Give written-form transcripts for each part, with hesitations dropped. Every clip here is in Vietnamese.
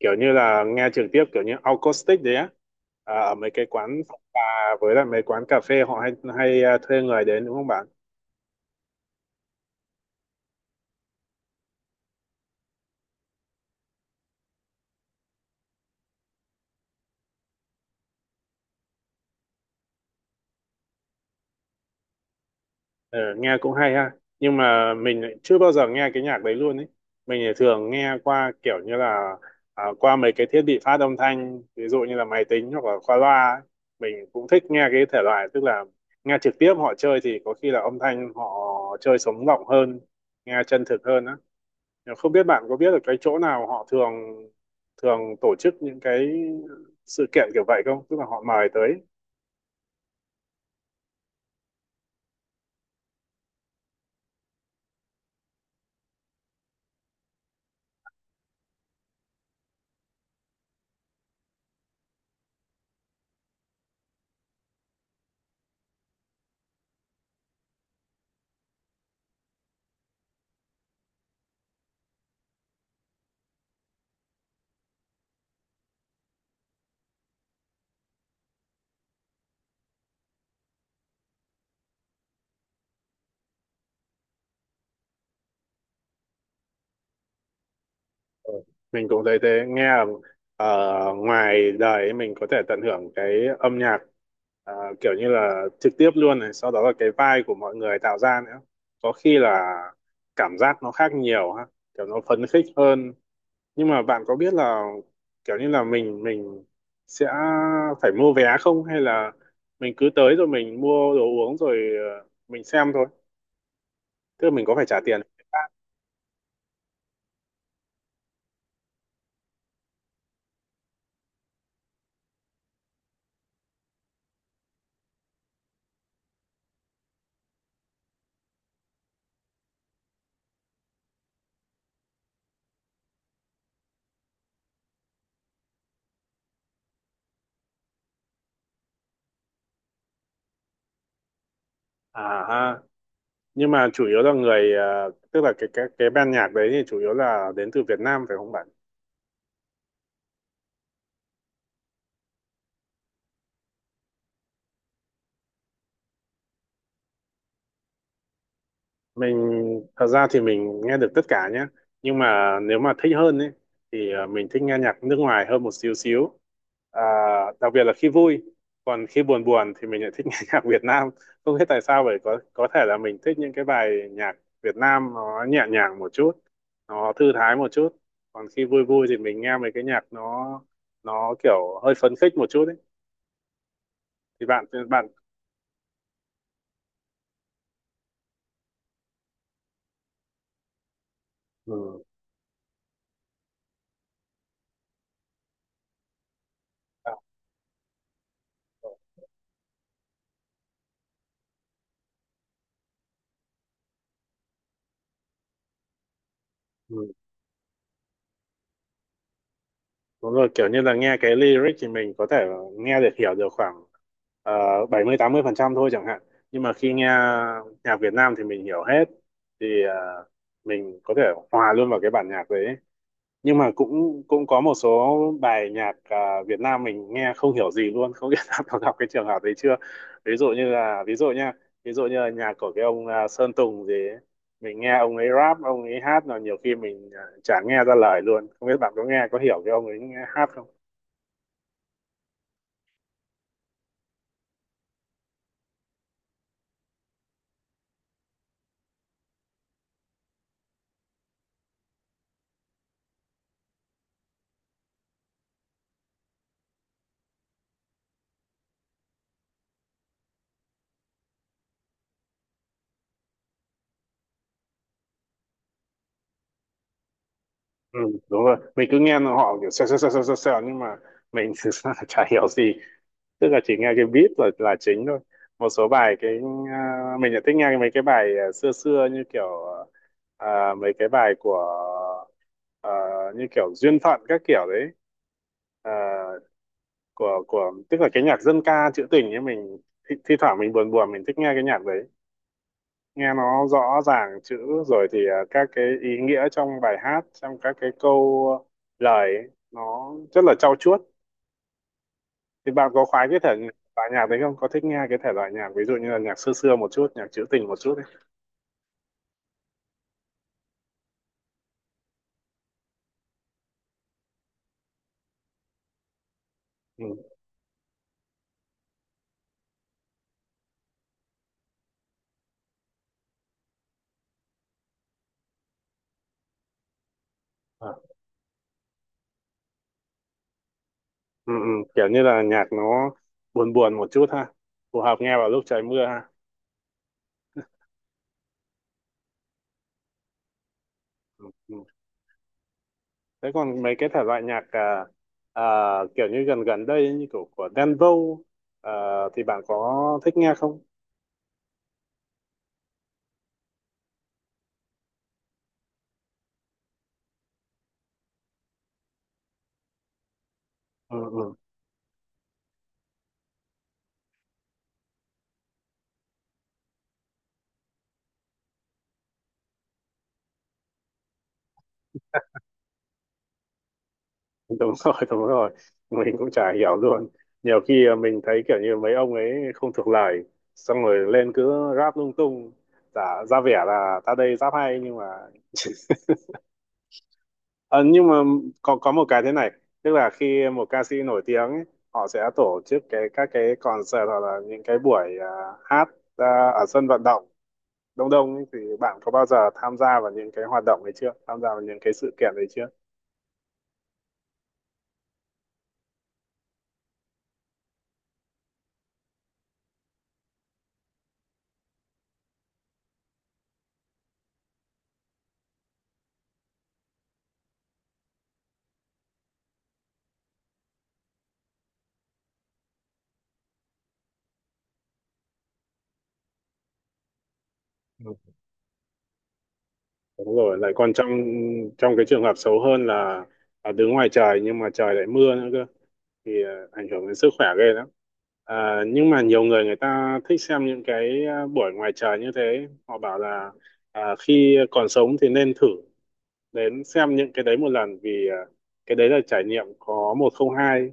Kiểu như là nghe trực tiếp kiểu như acoustic đấy á, ở mấy cái quán phòng trà với lại mấy quán cà phê họ hay hay à, thuê người đến, đúng không bạn? Ừ, nghe cũng hay ha. Nhưng mà mình lại chưa bao giờ nghe cái nhạc đấy luôn ấy. Mình thì thường nghe qua kiểu như là, qua mấy cái thiết bị phát âm thanh, ví dụ như là máy tính hoặc là qua loa ấy. Mình cũng thích nghe cái thể loại, tức là nghe trực tiếp họ chơi thì có khi là âm thanh họ chơi sống động hơn, nghe chân thực hơn á. Không biết bạn có biết được cái chỗ nào họ thường thường tổ chức những cái sự kiện kiểu vậy không? Tức là họ mời tới. Ờ, mình cũng thấy thế, nghe là, ngoài đời ấy, mình có thể tận hưởng cái âm nhạc, ờ, kiểu như là trực tiếp luôn này, sau đó là cái vibe của mọi người tạo ra nữa. Có khi là cảm giác nó khác nhiều ha, kiểu nó phấn khích hơn. Nhưng mà bạn có biết là kiểu như là mình sẽ phải mua vé không, hay là mình cứ tới rồi mình mua đồ uống rồi mình xem thôi, tức là mình có phải trả tiền? À ha. Nhưng mà chủ yếu là tức là cái ban nhạc đấy thì chủ yếu là đến từ Việt Nam phải không bạn? Mình thật ra thì mình nghe được tất cả nhé. Nhưng mà nếu mà thích hơn ấy thì mình thích nghe nhạc nước ngoài hơn một xíu xíu, à, đặc biệt là khi vui. Còn khi buồn buồn thì mình lại thích nghe nhạc Việt Nam. Không biết tại sao vậy, có thể là mình thích những cái bài nhạc Việt Nam nó nhẹ nhàng một chút, nó thư thái một chút. Còn khi vui vui thì mình nghe mấy cái nhạc nó kiểu hơi phấn khích một chút ấy. Thì bạn bạn Ừ. Đúng rồi, kiểu như là nghe cái lyric thì mình có thể nghe được hiểu được khoảng 70-80% thôi chẳng hạn. Nhưng mà khi nghe nhạc Việt Nam thì mình hiểu hết. Thì mình có thể hòa luôn vào cái bản nhạc đấy. Nhưng mà cũng cũng có một số bài nhạc Việt Nam mình nghe không hiểu gì luôn. Không biết đã có gặp cái trường hợp đấy chưa? Ví dụ như là, ví dụ nha, ví dụ như là nhạc của cái ông, Sơn Tùng gì ấy. Mình nghe ông ấy rap, ông ấy hát là nhiều khi mình chả nghe ra lời luôn. Không biết bạn có nghe có hiểu cái ông ấy hát không? Ừ, đúng rồi. Mình cứ nghe họ kiểu xèo xèo xèo xèo xèo xèo, nhưng mà mình thực ra là chả hiểu gì, tức là chỉ nghe cái beat là chính thôi. Một số bài mình lại thích nghe mấy cái bài, xưa xưa như kiểu, mấy cái bài của, à, như kiểu duyên phận các kiểu đấy. À, của tức là cái nhạc dân ca trữ tình ấy. Mình thi thoảng mình buồn buồn mình thích nghe cái nhạc đấy, nghe nó rõ ràng chữ, rồi thì các cái ý nghĩa trong bài hát, trong các cái câu lời ấy, nó rất là trau chuốt. Thì bạn có khoái cái thể loại nhạc đấy không, có thích nghe cái thể loại nhạc ví dụ như là nhạc xưa xưa một chút, nhạc trữ tình một chút ấy? Ừ. À. Ừ, ừ. Kiểu như là nhạc nó buồn buồn một chút ha, phù hợp nghe vào lúc trời mưa ha. Ừ. Ừ. Thế còn mấy cái thể loại nhạc, à, kiểu như gần gần đây ấy, như kiểu của Đen Vâu, à, thì bạn có thích nghe không? Ừ. Ừ. Đúng rồi, đúng rồi, mình cũng chả hiểu luôn. Nhiều khi mình thấy kiểu như mấy ông ấy không thuộc lời, xong rồi lên cứ rap lung tung, giả ra vẻ là ta đây rap hay, nhưng mà Ờ, nhưng mà có một cái thế này, tức là khi một ca sĩ nổi tiếng ấy, họ sẽ tổ chức các cái concert hoặc là những cái buổi, hát ra ở sân vận động đông đông ấy, thì bạn có bao giờ tham gia vào những cái hoạt động ấy chưa, tham gia vào những cái sự kiện ấy chưa? Ừ, đúng rồi. Lại còn trong trong cái trường hợp xấu hơn là đứng ngoài trời nhưng mà trời lại mưa nữa cơ, thì ảnh hưởng đến sức khỏe ghê lắm. À, nhưng mà nhiều người người ta thích xem những cái, buổi ngoài trời như thế. Họ bảo là khi còn sống thì nên thử đến xem những cái đấy một lần, vì cái đấy là trải nghiệm có một không hai.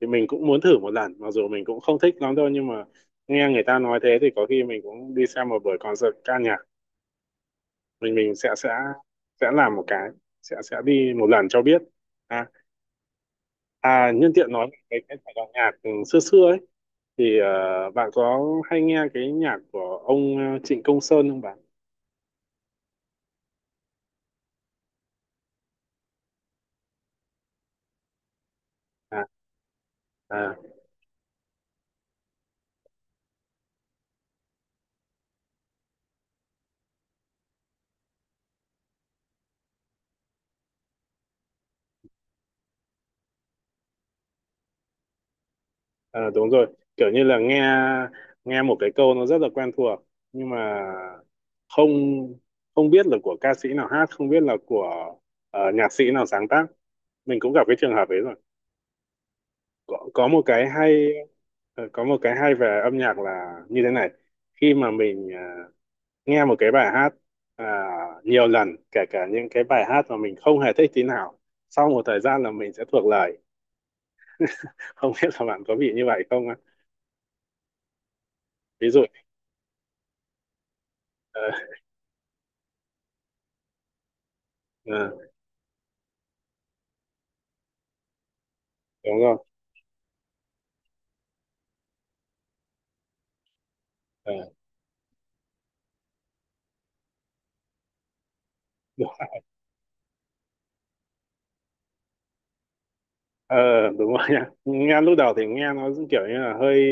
Thì mình cũng muốn thử một lần, mặc dù mình cũng không thích lắm đâu, nhưng mà nghe người ta nói thế thì có khi mình cũng đi xem một buổi concert ca nhạc. Mình sẽ làm một cái sẽ đi một lần cho biết. à Nhân tiện nói về cái thể loại nhạc, xưa xưa ấy, thì bạn có hay nghe cái nhạc của ông, Trịnh Công Sơn không bạn? à, à, À, đúng rồi, kiểu như là nghe nghe một cái câu nó rất là quen thuộc. Nhưng mà không không biết là của ca sĩ nào hát, không biết là của, nhạc sĩ nào sáng tác. Mình cũng gặp cái trường hợp ấy rồi. có, có một cái hay có một cái hay về âm nhạc là như thế này: khi mà mình nghe một cái bài hát à, nhiều lần, kể cả những cái bài hát mà mình không hề thích tí nào, sau một thời gian là mình sẽ thuộc lời. Không biết là bạn có bị như vậy không á? Ví dụ, ờ, ờ, đúng không? Ờ, ờ, đúng rồi nha. Nghe lúc đầu thì nghe nó kiểu như là hơi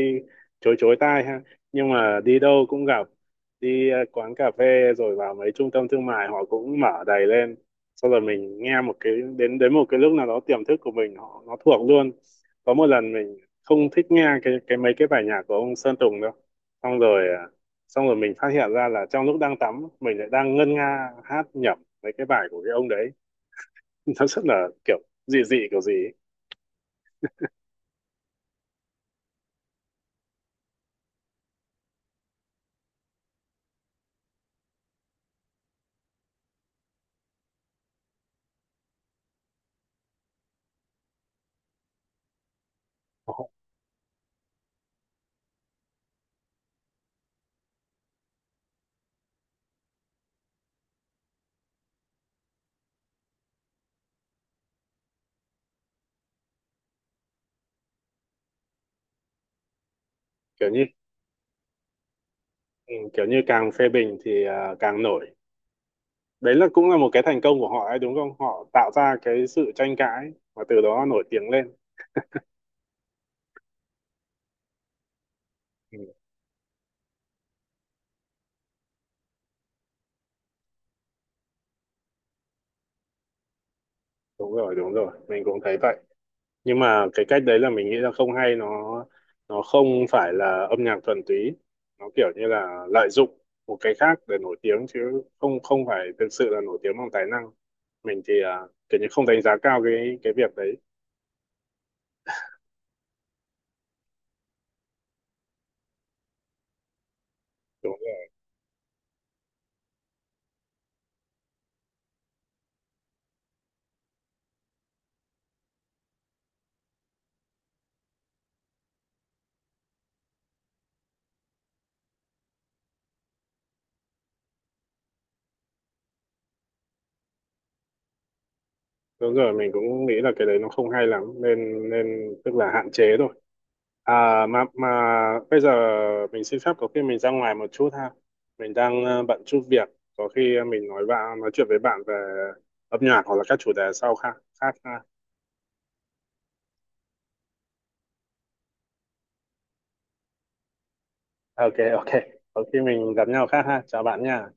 chối chối tai ha, nhưng mà đi đâu cũng gặp. Đi quán cà phê rồi vào mấy trung tâm thương mại họ cũng mở đầy lên, sau rồi mình nghe một cái đến đến một cái lúc nào đó tiềm thức của mình họ nó thuộc luôn. Có một lần mình không thích nghe cái mấy cái bài nhạc của ông Sơn Tùng đâu, xong rồi ờ, xong rồi mình phát hiện ra là trong lúc đang tắm mình lại đang ngân nga hát nhẩm mấy cái bài của cái ông đấy. Nó rất là kiểu dị dị kiểu gì ấy. Kiểu như Ừ, kiểu như càng phê bình thì càng nổi. Đấy là cũng là một cái thành công của họ ấy đúng không? Họ tạo ra cái sự tranh cãi và từ đó nổi tiếng lên. Ừ, đúng rồi, đúng rồi, mình cũng thấy vậy. Nhưng mà cái cách đấy là mình nghĩ là không hay. Nó không phải là âm nhạc thuần túy, nó kiểu như là lợi dụng một cái khác để nổi tiếng chứ không không phải thực sự là nổi tiếng bằng tài năng. Mình thì kiểu như không đánh giá cao cái việc đấy. Đúng rồi, đúng rồi, mình cũng nghĩ là cái đấy nó không hay lắm, nên nên tức là hạn chế thôi. À, mà bây giờ mình xin phép có khi mình ra ngoài một chút ha. Mình đang bận chút việc, có khi mình nói chuyện với bạn về âm nhạc hoặc là các chủ đề sau khác khác ha. Ok, ok. Có khi mình gặp nhau khác ha. Chào bạn nha.